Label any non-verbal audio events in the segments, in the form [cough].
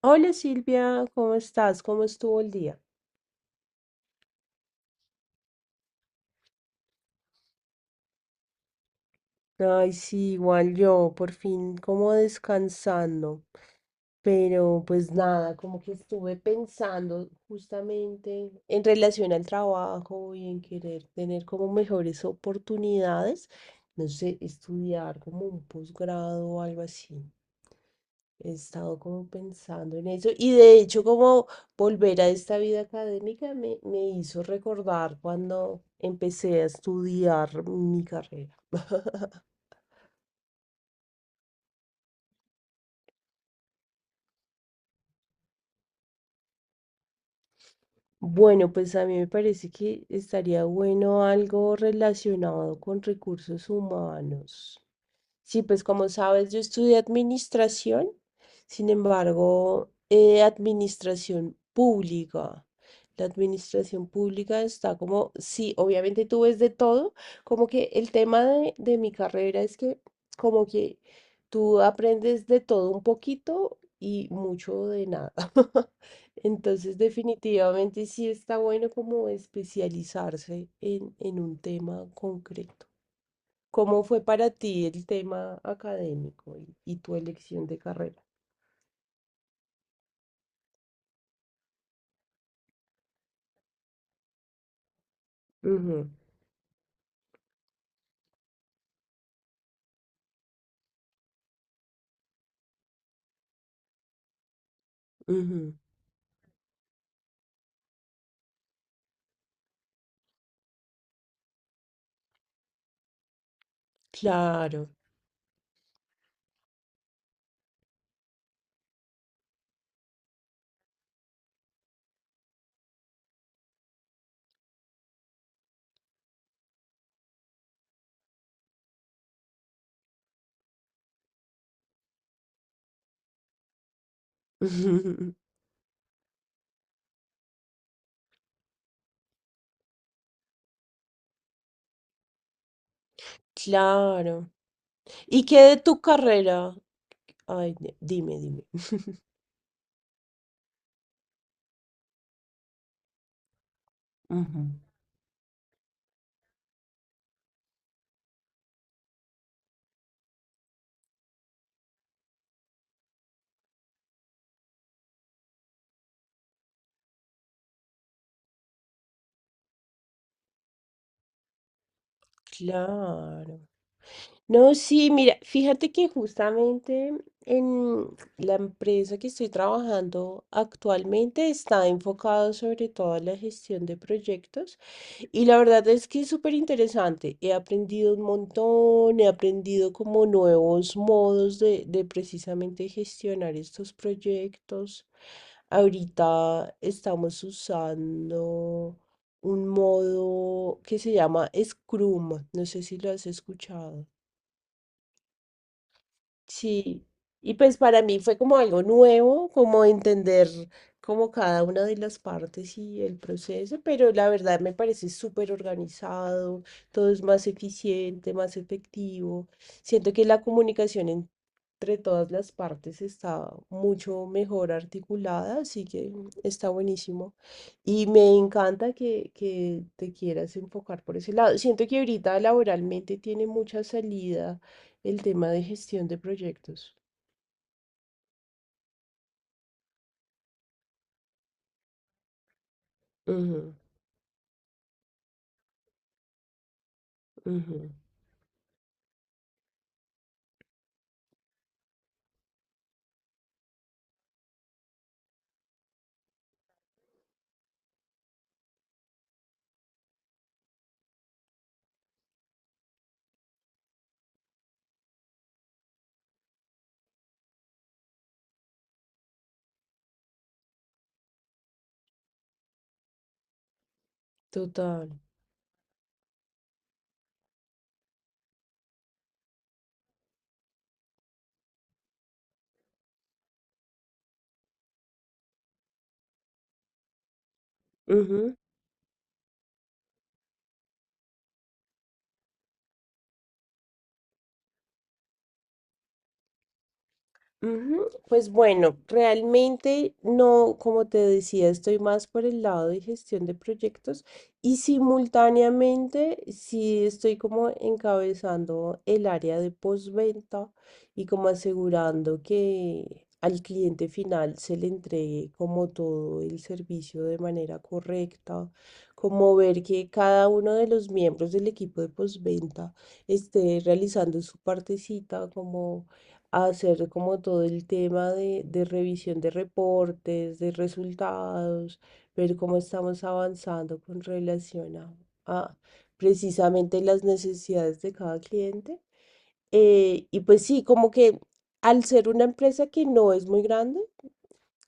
Hola Silvia, ¿cómo estás? ¿Cómo estuvo el día? Ay, sí, igual yo, por fin como descansando, pero pues nada, como que estuve pensando justamente en relación al trabajo y en querer tener como mejores oportunidades, no sé, estudiar como un posgrado o algo así. He estado como pensando en eso y de hecho como volver a esta vida académica me hizo recordar cuando empecé a estudiar mi carrera. [laughs] Bueno, pues a mí me parece que estaría bueno algo relacionado con recursos humanos. Sí, pues como sabes, yo estudié administración, sin embargo, administración pública. La administración pública está como, sí, obviamente tú ves de todo, como que el tema de mi carrera es que como que tú aprendes de todo un poquito y mucho de nada. [laughs] Entonces, definitivamente sí está bueno como especializarse en un tema concreto. ¿Cómo fue para ti el tema académico y tu elección de carrera? Ujú, ujú. Claro. [laughs] Claro. ¿Y qué de tu carrera? Ay, dime, dime. [laughs] Ujú. Claro. No, sí, mira, fíjate que justamente en la empresa que estoy trabajando actualmente está enfocado sobre todo a la gestión de proyectos y la verdad es que es súper interesante. He aprendido un montón, he aprendido como nuevos modos de precisamente gestionar estos proyectos. Ahorita estamos usando un modo que se llama Scrum, no sé si lo has escuchado. Sí, y pues para mí fue como algo nuevo, como entender como cada una de las partes y el proceso, pero la verdad me parece súper organizado, todo es más eficiente, más efectivo. Siento que la comunicación entre todas las partes está mucho mejor articulada, así que está buenísimo. Y me encanta que te quieras enfocar por ese lado. Siento que ahorita laboralmente tiene mucha salida el tema de gestión de proyectos. Ujú, ujú. Total. Ujú, ujú. Pues bueno, realmente no, como te decía, estoy más por el lado de gestión de proyectos y simultáneamente sí estoy como encabezando el área de postventa y como asegurando que al cliente final se le entregue como todo el servicio de manera correcta, como ver que cada uno de los miembros del equipo de postventa esté realizando su partecita como a hacer como todo el tema de revisión de reportes, de resultados, ver cómo estamos avanzando con relación a precisamente las necesidades de cada cliente. Y pues sí, como que al ser una empresa que no es muy grande,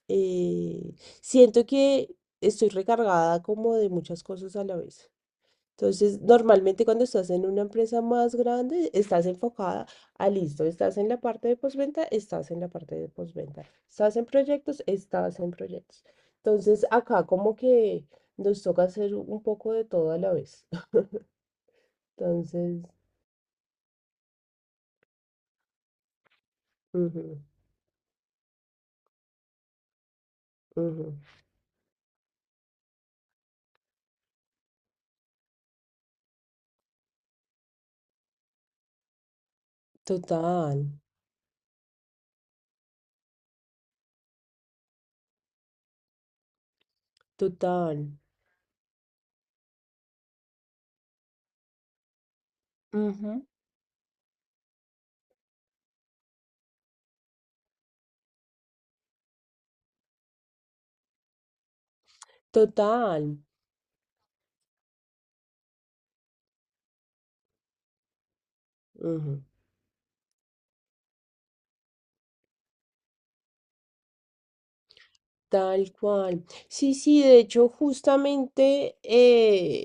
eh, siento que estoy recargada como de muchas cosas a la vez. Entonces, normalmente cuando estás en una empresa más grande, estás enfocada a listo, estás en la parte de postventa, estás en la parte de postventa, estás en proyectos, estás en proyectos. Entonces, acá como que nos toca hacer un poco de todo a la vez. [laughs] Entonces, ujú, ujú. Total, total. Ujú. Total. Ujú. Tal cual. Sí, sí, de hecho, justamente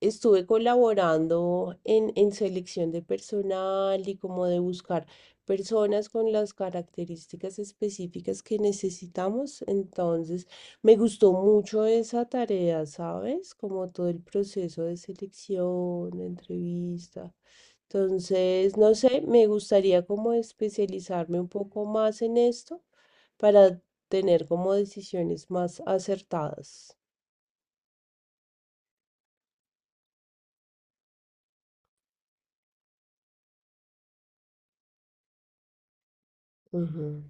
estuve colaborando en selección de personal y como de buscar personas con las características específicas que necesitamos. Entonces, me gustó mucho esa tarea, ¿sabes? Como todo el proceso de selección, de entrevista. Entonces, no sé, me gustaría como especializarme un poco más en esto para tener como decisiones más acertadas. Ujú.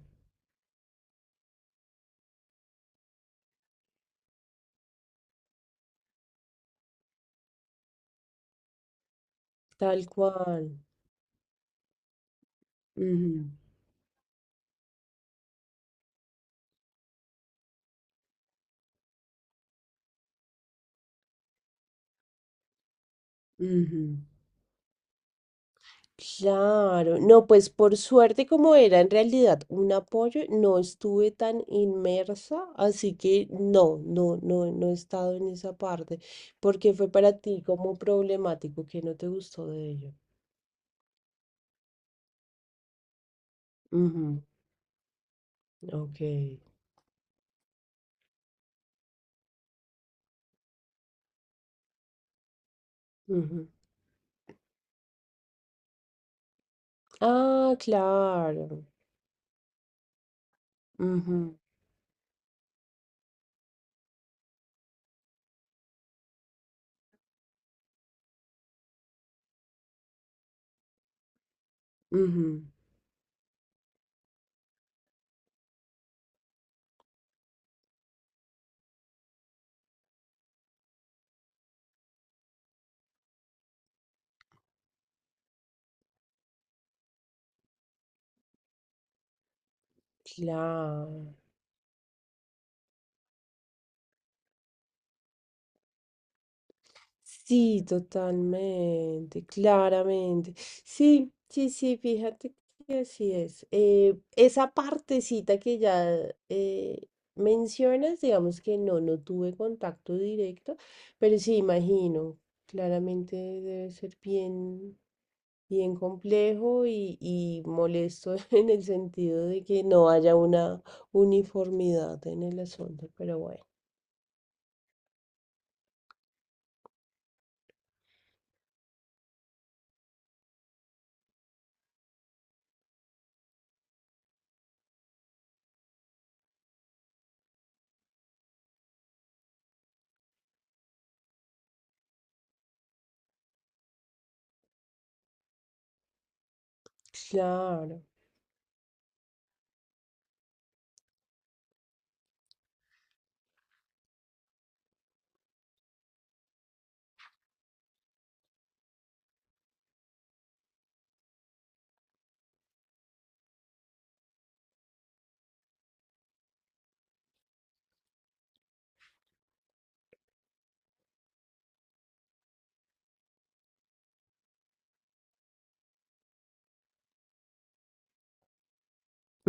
Tal cual. Ujú, ujú. Claro, no, pues por suerte como era en realidad un apoyo, no estuve tan inmersa, así que no, no, no, no he estado en esa parte, porque fue para ti como problemático que no te gustó de ello. Ujú. Ok. Ujú. Ah, claro. Ujú, ujú. Claro. Sí, totalmente, claramente. Sí, sí, sí, fíjate que así es. Esa partecita que ya eh, mencionas, digamos que no, no tuve contacto directo, pero sí, imagino, claramente debe ser bien, bien complejo y molesto [laughs] en el sentido de que no haya una uniformidad en el asunto, pero bueno, claro.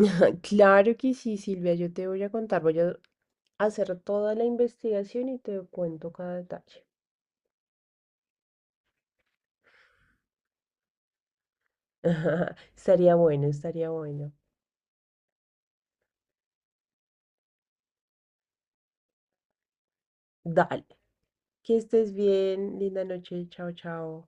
[laughs] Claro que sí, Silvia, yo te voy a contar, voy a hacer toda la investigación y te cuento cada detalle. [laughs] Estaría bueno, estaría bueno. Dale, que estés bien, linda noche, chao, chao.